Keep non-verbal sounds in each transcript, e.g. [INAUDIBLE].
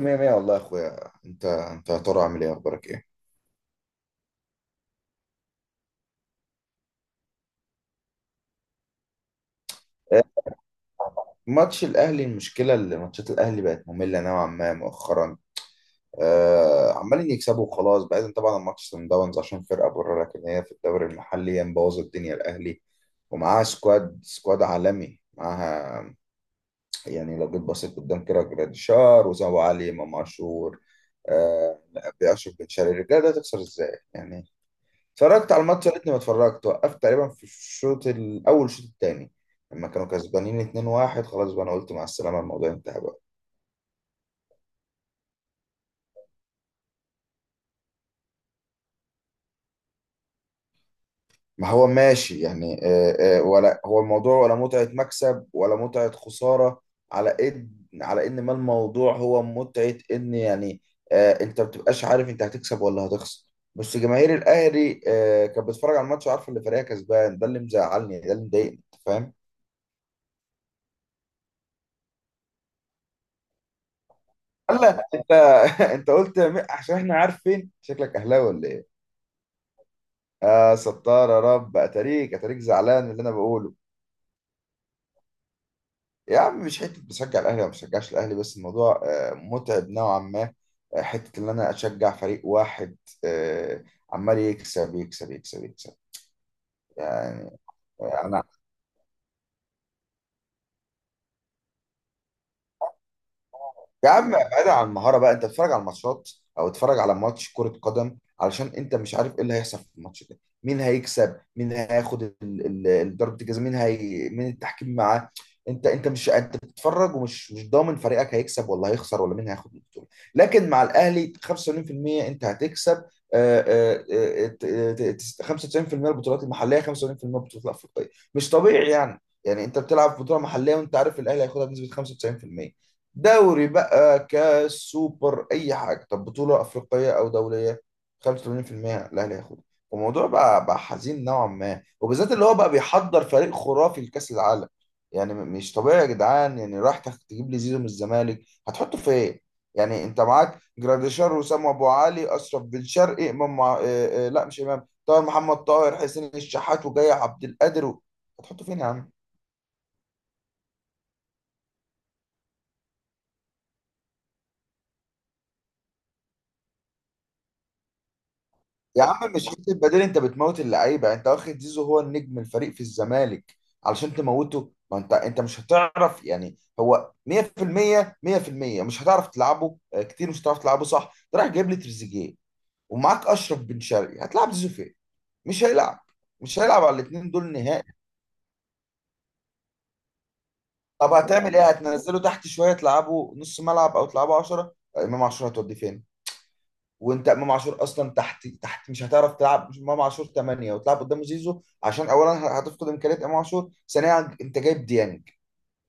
مية مية والله يا اخويا، انت يا ترى عامل ايه؟ اخبارك ايه؟ آه، ماتش الاهلي، المشكله اللي ماتشات الاهلي بقت ممله نوعا ما مؤخرا. عمالين يكسبوا وخلاص، بعيدا طبعا عن ماتش سان داونز عشان فرقه بره، لكن هي في الدوري المحلي هي مبوظه الدنيا الاهلي، ومعاها سكواد عالمي معاها. يعني لو جيت بصيت قدام كده جراديشار، وزو، علي، امام عاشور، آه، باشرف بن شرقي، الرجاله ده تخسر ازاي يعني؟ اتفرجت على الماتش، يا ريتني ما اتفرجت، وقفت تقريبا في الشوط الاول الشوط الثاني لما كانوا كسبانين 2-1، خلاص بقى انا قلت مع السلامه، الموضوع انتهى بقى. ما هو ماشي يعني، ولا هو الموضوع ولا متعه مكسب ولا متعه خساره. على ان على ان ما الموضوع هو متعه ان يعني انت ما بتبقاش عارف انت هتكسب ولا هتخسر. بس جماهير الاهلي كانت بتتفرج على الماتش وعارفه ان فريقها كسبان، ده اللي مزعلني، ده اللي مضايقني، أنت فاهم. هلا انت [LAUGHS] انت قلت عشان احنا عارفين، شكلك اهلاوي ولا ايه؟ اه ستار يا رب، اتاريك زعلان من اللي انا بقوله. يا عم مش حته بشجع الاهلي وما بشجعش الاهلي، بس الموضوع متعب نوعا ما. حته ان انا اشجع فريق واحد آه، عمال يكسب يكسب يكسب يكسب يعني. انا، يا عم بعيد عن المهاره بقى، انت بتتفرج على الماتشات او اتفرج على ماتش كره قدم علشان انت مش عارف ايه اللي هيحصل في الماتش ده، مين هيكسب، مين هياخد ضربه الجزاء، مين التحكيم معاه. انت بتتفرج ومش مش ضامن فريقك هيكسب ولا هيخسر ولا مين هياخد البطوله، لكن مع الاهلي 85% انت هتكسب. آه، آه، 95% البطولات المحليه، 75% البطولات الافريقيه، مش طبيعي يعني. يعني انت بتلعب بطوله محليه وانت عارف الاهلي هياخدها بنسبه 95%. دوري بقى، كاس، سوبر، اي حاجه، طب بطوله افريقيه او دوليه 85% الاهلي هياخدها. الموضوع بقى بقى حزين نوعا ما، وبالذات اللي هو بقى بيحضر فريق خرافي لكاس العالم. يعني مش طبيعي يا جدعان، يعني راح تجيب لي زيزو من الزمالك؟ هتحطه فين؟ يعني انت معاك جراديشار، وسام ابو علي، اشرف بن شرقي، امام مع... آه، آه، لا مش امام، طاهر، محمد طاهر، حسين الشحات، وجاي عبد القادر و... هتحطه فين يا عم؟ يا عم مش حته بديل، انت بتموت اللعيبه. انت واخد زيزو هو النجم الفريق في الزمالك علشان تموته، ما انت انت مش هتعرف يعني، هو 100% 100% مش هتعرف تلعبه. كتير مش هتعرف تلعبه صح. انت رايح جايب لي تريزيجيه ومعاك اشرف بن شرقي، هتلعب زيزو فين؟ مش هيلعب. مش هيلعب على الاثنين دول نهائي. طب هتعمل ايه؟ هتنزله تحت شويه، تلعبه نص ملعب او تلعبه 10 امام 10؟ هتوديه فين؟ وانت امام عاشور اصلا تحت، تحت مش هتعرف تلعب امام عاشور 8 وتلعب قدام زيزو عشان اولا هتفقد امكانيات امام عاشور، ثانيا انت جايب ديانج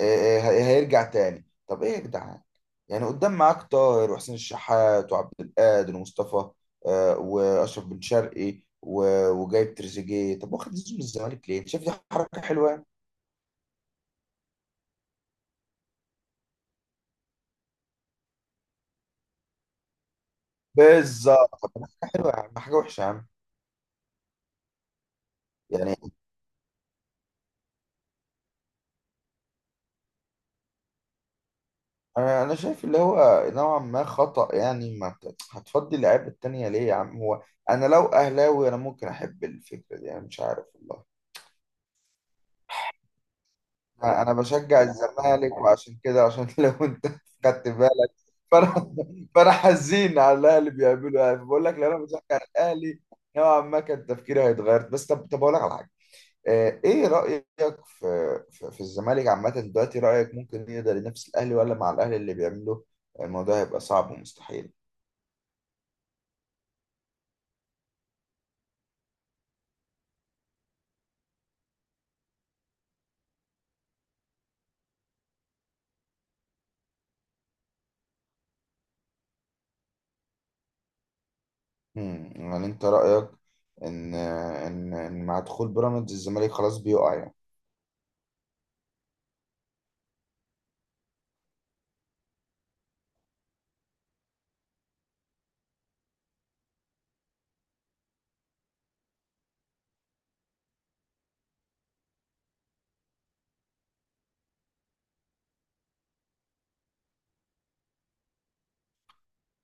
هيرجع تاني، طب ايه يا جدعان؟ يعني قدام معاك طاهر وحسين الشحات وعبد القادر ومصطفى واشرف بن شرقي وجايب تريزيجيه، طب واخد زيزو من الزمالك ليه؟ شايف دي حركه حلوه يعني؟ بالظبط. حلوه يا عم، حاجه وحشه يا عم. يعني انا شايف اللي هو نوعا ما خطأ يعني. ما هتفضي اللعيبه التانية ليه يا عم؟ هو انا لو اهلاوي انا ممكن احب الفكره دي، انا مش عارف والله. انا بشجع الزمالك، وعشان كده عشان [LAUGHS] لو انت خدت بالك فانا فانا حزين على الاهلي بيعملوا، يعني بقول لك لو انا بشجع الاهلي نوعا ما كان تفكيري هيتغير. بس طب اقول لك على حاجه ايه رايك في في الزمالك عامه دلوقتي؟ رايك ممكن يقدر ينافس الاهلي، ولا مع الاهلي اللي بيعمله الموضوع هيبقى صعب ومستحيل؟ مم. يعني انت رأيك ان مع دخول بيراميدز الزمالك خلاص بيقع يعني؟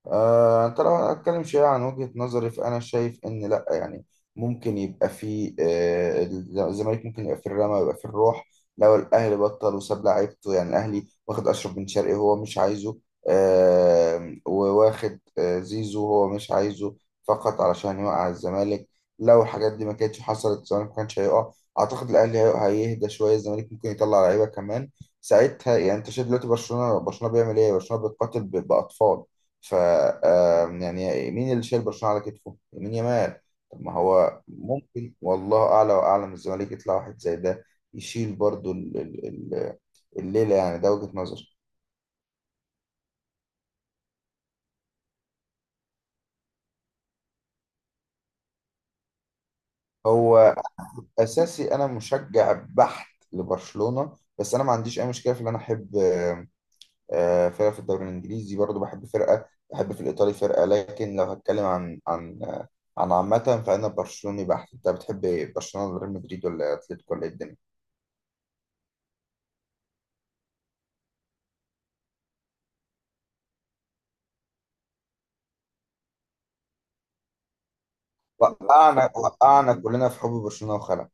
انت لو هنتكلم شوية عن وجهة نظري، فأنا شايف إن لأ يعني، ممكن يبقى في آه، الزمالك ممكن يبقى في الرمى ويبقى في الروح. لو الأهلي بطل وساب لعيبته، يعني الأهلي واخد أشرف بن شرقي هو مش عايزه وواخد زيزو هو مش عايزه فقط علشان يوقع الزمالك. لو الحاجات دي ما كانتش حصلت الزمالك ما كانش هيقع. أعتقد الأهلي هيهدى شوية، الزمالك ممكن يطلع لعيبة كمان ساعتها. يعني أنت شايف دلوقتي برشلونة؟ برشلونة بيعمل إيه؟ برشلونة بيقاتل بأطفال. ف آم، يعني مين اللي شايل برشلونة على كتفه؟ يمين يمال. طب ما هو ممكن والله أعلى وأعلم الزمالك يطلع واحد زي ده يشيل برضو الليلة، يعني ده وجهة نظري. هو أساسي أنا مشجع بحت لبرشلونة، بس أنا ما عنديش أي مشكلة في إن أنا أحب آم، آه، فرقة في الدوري الإنجليزي برضو، بحب فرقة بحب في الإيطالي فرقة. لكن لو هتكلم عن عامة فأنا برشلوني بحت. أنت بتحب إيه؟ برشلونة، ولا ريال مدريد، ولا أتلتيكو، ولا إيه الدنيا؟ وقعنا كلنا في حب برشلونة وخلع.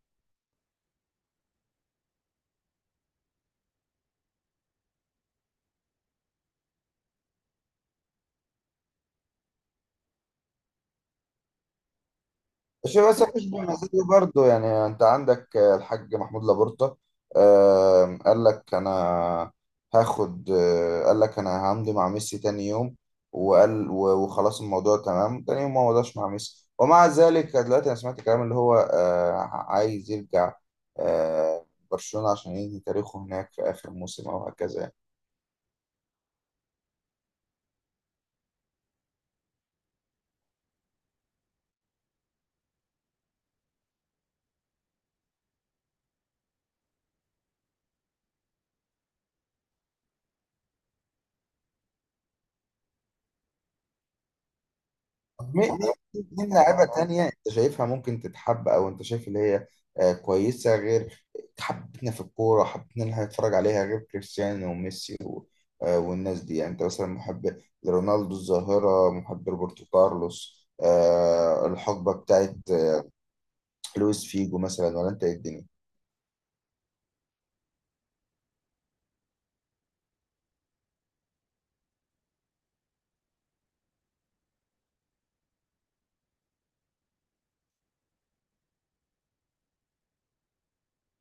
مش بس مش بمزاجه برضه، يعني انت عندك الحاج محمود لابورتا قال لك انا هاخد آه، قال لك انا همضي مع ميسي تاني يوم، وقال وخلاص الموضوع تمام. تاني يوم ما مضاش مع ميسي، ومع ذلك دلوقتي انا سمعت كلام اللي هو عايز يرجع آه، برشلونة عشان ينهي تاريخه هناك في اخر موسم او هكذا يعني. طب مين مين لاعيبة تانية انت شايفها ممكن تتحب، او انت شايف اللي هي كويسة غير حبتنا في الكورة، حبتنا ان احنا نتفرج عليها غير كريستيانو وميسي والناس دي؟ يعني انت مثلا محب لرونالدو الظاهرة، محب روبرتو كارلوس، الحقبة بتاعت لويس فيجو مثلا، ولا انت ايه الدنيا؟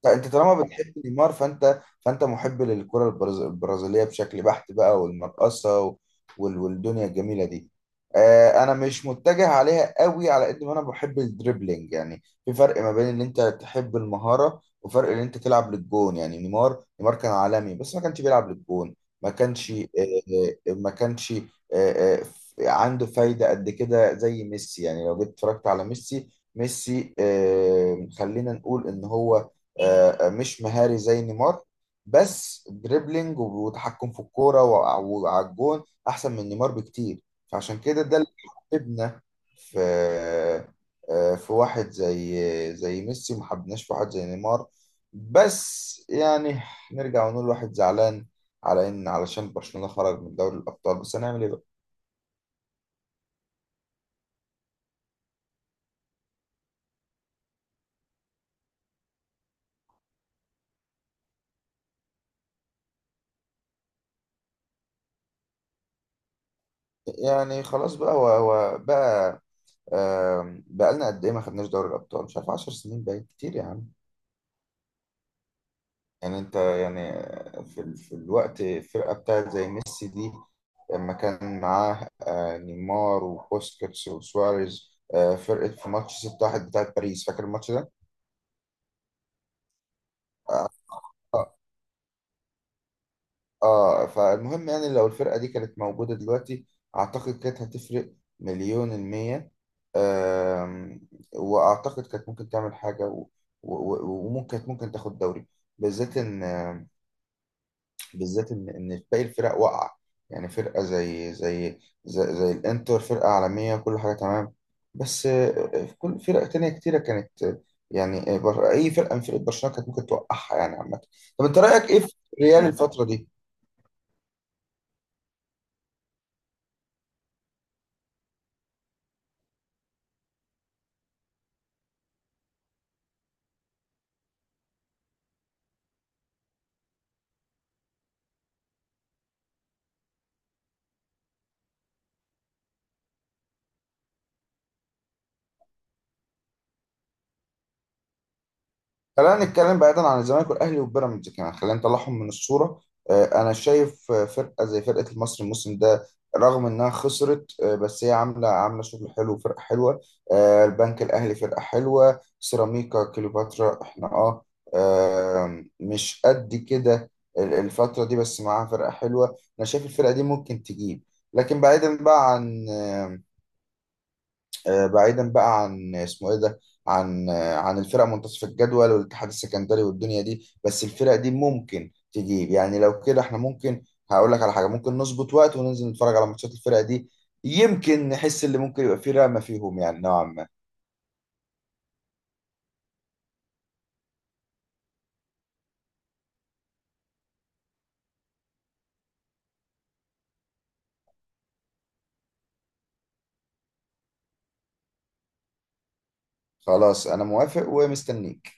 لا انت طالما بتحب نيمار فانت محب للكرة البرازيلية بشكل بحت بقى، والمرقصة والدنيا الجميلة دي. انا مش متجه عليها قوي على قد ما انا بحب الدريبلينج. يعني في فرق ما بين ان انت تحب المهارة وفرق ان انت تلعب للجون. يعني نيمار كان عالمي بس ما كانش بيلعب للجون. ما كانش آه، ما كانش آه، آه، عنده فايدة قد كده زي ميسي. يعني لو جيت اتفرجت على ميسي خلينا نقول ان هو مش مهاري زي نيمار، بس دريبلينج وتحكم في الكوره وعلى الجون احسن من نيمار بكتير. فعشان كده ده اللي حببنا في في واحد زي زي ميسي، ما حبناش في واحد زي نيمار. بس يعني نرجع ونقول واحد زعلان على ان علشان برشلونه خرج من دوري الابطال، بس هنعمل ايه بقى؟ يعني خلاص بقى، هو بقى بقالنا قد ايه ما خدناش دوري الابطال؟ مش عارف، 10 سنين بقى كتير يا عم. يعني انت يعني في الوقت الفرقه بتاعت زي ميسي دي لما كان معاه نيمار وبوسكيتس وسواريز فرقه، في ماتش 6-1 بتاعت باريس فاكر الماتش ده؟ اه فالمهم يعني لو الفرقه دي كانت موجوده دلوقتي اعتقد كانت هتفرق مليون المية. آم، واعتقد كانت ممكن تعمل حاجه وممكن كانت ممكن تاخد دوري. بالذات ان بالذات ان باقي الفرق واقعه. يعني فرقه زي, الانتر فرقه عالميه كل حاجه تمام. بس في كل فرق تانية كتيره كانت يعني اي فرقه من فرق برشلونه كانت ممكن توقعها يعني عامه. طب انت رايك ايه في ريال الفتره دي؟ خلينا نتكلم بعيدا عن الزمالك والاهلي وبيراميدز كمان، خلينا نطلعهم من الصوره. انا شايف فرقه زي فرقه المصري الموسم ده رغم انها خسرت بس هي عامله شغل حلو، فرقه حلوه. البنك الاهلي فرقه حلوه، سيراميكا كليوباترا احنا اه آم، مش قد كده الفتره دي بس معاها فرقه حلوه. انا شايف الفرقه دي ممكن تجيب. لكن بعيدا بقى عن بعيدا بقى عن اسمه ايه ده، عن الفرق منتصف الجدول والاتحاد السكندري والدنيا دي، بس الفرق دي ممكن تجيب. يعني لو كده احنا ممكن هقول لك على حاجه، ممكن نظبط وقت وننزل نتفرج على ماتشات الفرق دي يمكن نحس اللي ممكن يبقى فيه رقمه فيهم يعني نوعا ما. خلاص انا موافق ومستنيك.